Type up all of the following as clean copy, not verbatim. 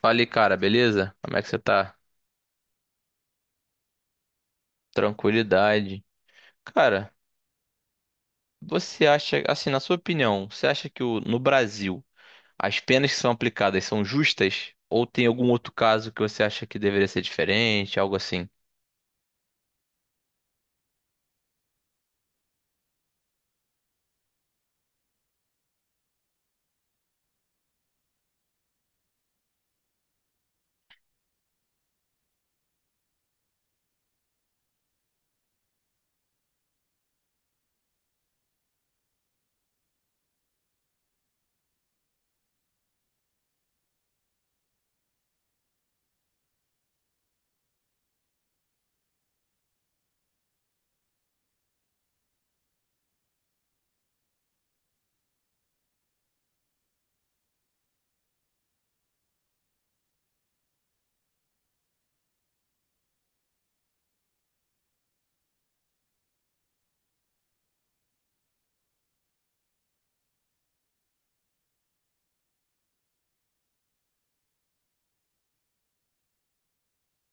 Fala aí, cara, beleza? Como é que você tá? Tranquilidade. Cara, você acha, assim, na sua opinião, você acha que no Brasil as penas que são aplicadas são justas? Ou tem algum outro caso que você acha que deveria ser diferente, algo assim?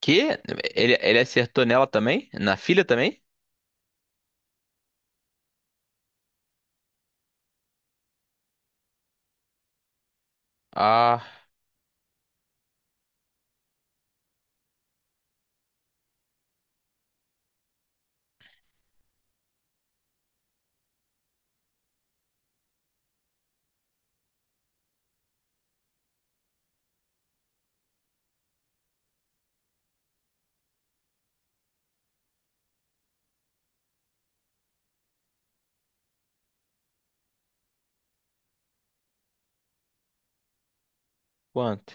Que? Ele acertou nela também? Na filha também? Ah, quanto?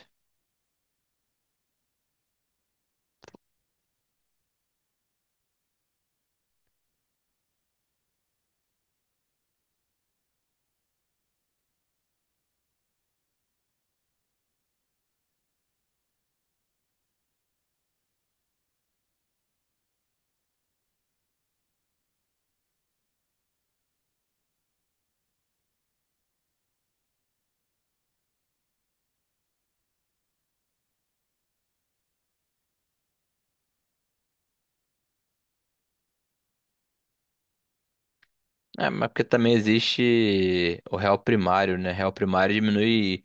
É, mas porque também existe o réu primário, né? Réu primário diminui.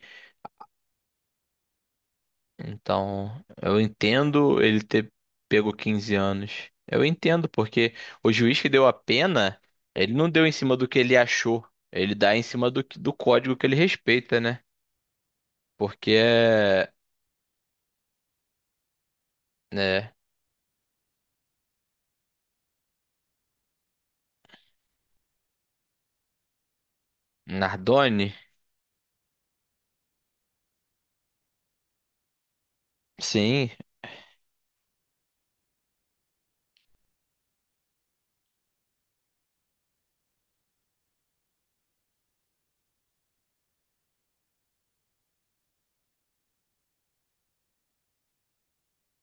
Então, eu entendo ele ter pego 15 anos. Eu entendo, porque o juiz que deu a pena, ele não deu em cima do que ele achou. Ele dá em cima do código que ele respeita, né? Porque é. Né, Nardoni? Sim,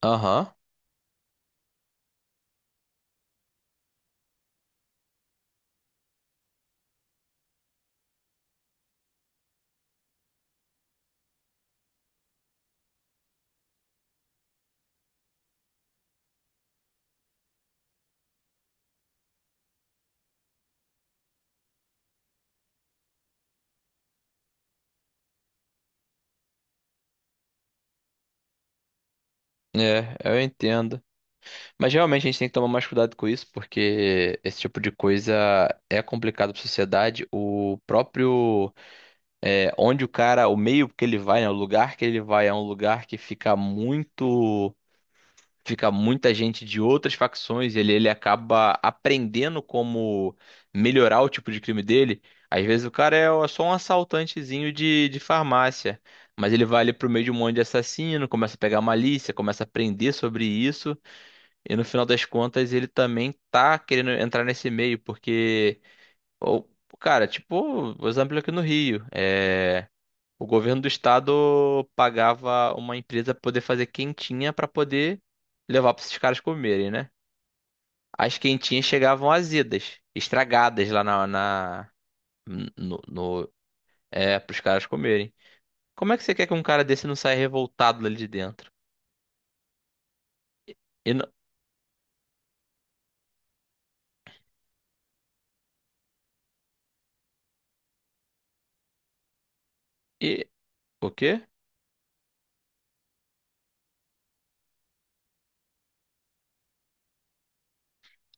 aham. É, eu entendo. Mas realmente a gente tem que tomar mais cuidado com isso, porque esse tipo de coisa é complicado para a sociedade. O próprio. É, onde o cara, o meio que ele vai, né, o lugar que ele vai é um lugar que fica muito, fica muita gente de outras facções, ele acaba aprendendo como melhorar o tipo de crime dele. Às vezes o cara é só um assaltantezinho de farmácia, mas ele vai ali pro meio de um monte de assassino, começa a pegar malícia, começa a aprender sobre isso, e no final das contas ele também tá querendo entrar nesse meio, porque, o- cara, tipo, o exemplo aqui no Rio, é. O governo do estado pagava uma empresa pra poder fazer quentinha pra poder levar pra esses caras comerem, né? As quentinhas chegavam azidas, estragadas lá na no, no é pros caras comerem. Como é que você quer que um cara desse não saia revoltado ali de dentro? E, não- e o quê?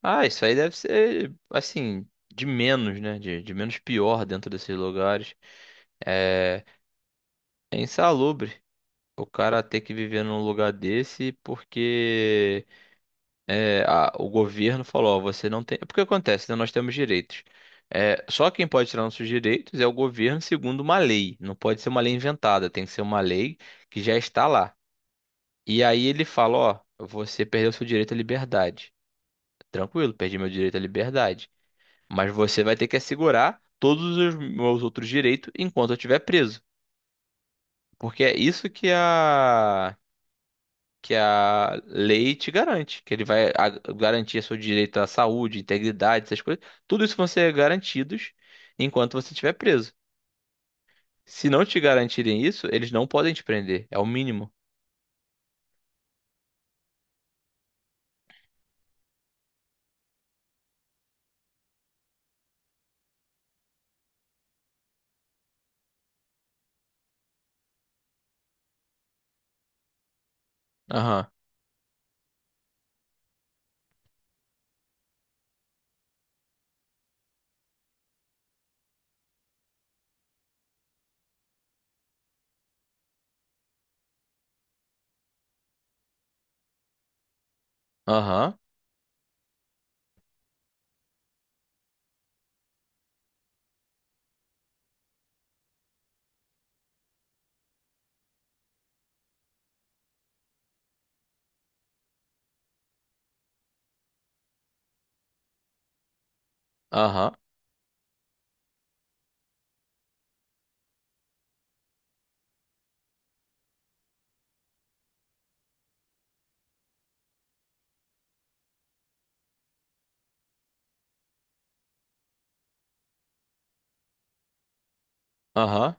Ah, isso aí deve ser assim de menos, né? De menos pior dentro desses lugares. É, é insalubre o cara ter que viver num lugar desse porque é, o governo falou, ó, você não tem. É porque acontece, né? Nós temos direitos. É, só quem pode tirar nossos direitos é o governo segundo uma lei. Não pode ser uma lei inventada, tem que ser uma lei que já está lá. E aí ele fala, ó, você perdeu seu direito à liberdade. Tranquilo, perdi meu direito à liberdade. Mas você vai ter que assegurar todos os meus outros direitos enquanto eu estiver preso. Porque é isso que a lei te garante, que garantir seu direito à saúde, integridade, essas coisas. Tudo isso vão ser garantidos enquanto você estiver preso. Se não te garantirem isso, eles não podem te prender. É o mínimo. Aham, aham, aham, ahã.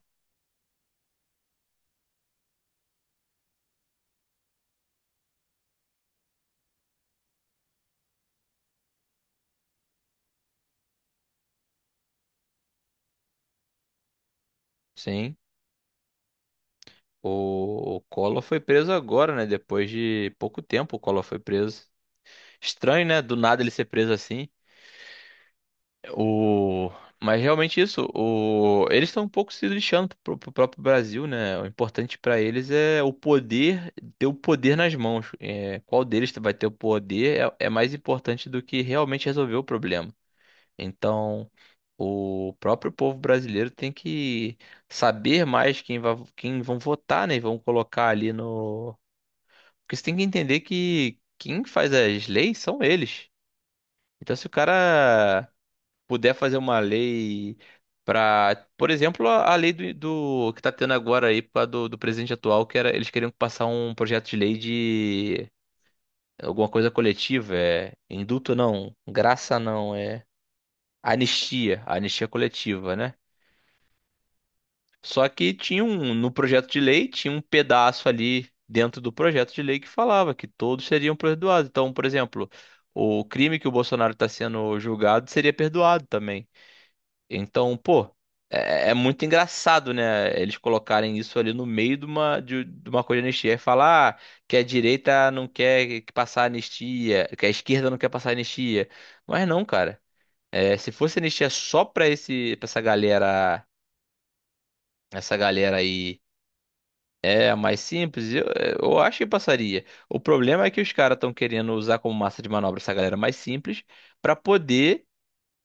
Sim. O Collor foi preso agora, né? Depois de pouco tempo, o Collor foi preso. Estranho, né? Do nada ele ser preso assim. O... Mas realmente isso, o... eles estão um pouco se lixando pro, pro próprio Brasil, né? O importante para eles é o poder, ter o poder nas mãos. É, qual deles vai ter o poder é, é mais importante do que realmente resolver o problema. Então, o próprio povo brasileiro tem que saber mais quem vai, quem vão votar, né? E vão colocar ali no. Porque você tem que entender que quem faz as leis são eles. Então, se o cara puder fazer uma lei para, por exemplo, a lei que tá tendo agora aí pra, do presidente atual, que era eles queriam passar um projeto de lei de alguma coisa coletiva, é indulto não, graça não, é anistia, anistia coletiva, né? Só que tinha um no projeto de lei tinha um pedaço ali dentro do projeto de lei que falava que todos seriam perdoados. Então, por exemplo, o crime que o Bolsonaro está sendo julgado seria perdoado também. Então, pô, é, é muito engraçado, né? Eles colocarem isso ali no meio de uma, de uma coisa de anistia e falar ah, que a direita não quer que passar anistia, que a esquerda não quer passar anistia. Mas não, cara. É, se fosse anistia só pra esse, pra essa galera aí é mais simples, eu acho que passaria. O problema é que os caras estão querendo usar como massa de manobra essa galera mais simples pra poder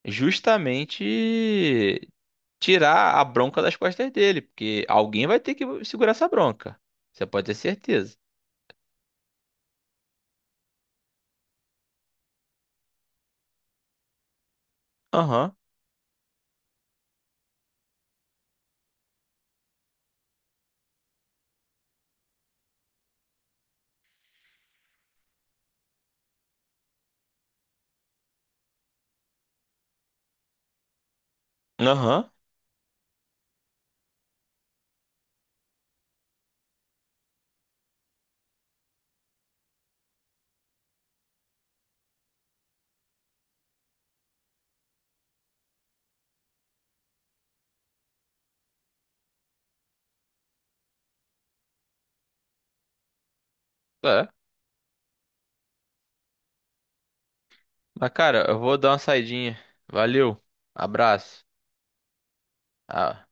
justamente tirar a bronca das costas dele, porque alguém vai ter que segurar essa bronca. Você pode ter certeza. Aham, aham. É. Mas, cara, eu vou dar uma saidinha. Valeu. Abraço. Ah.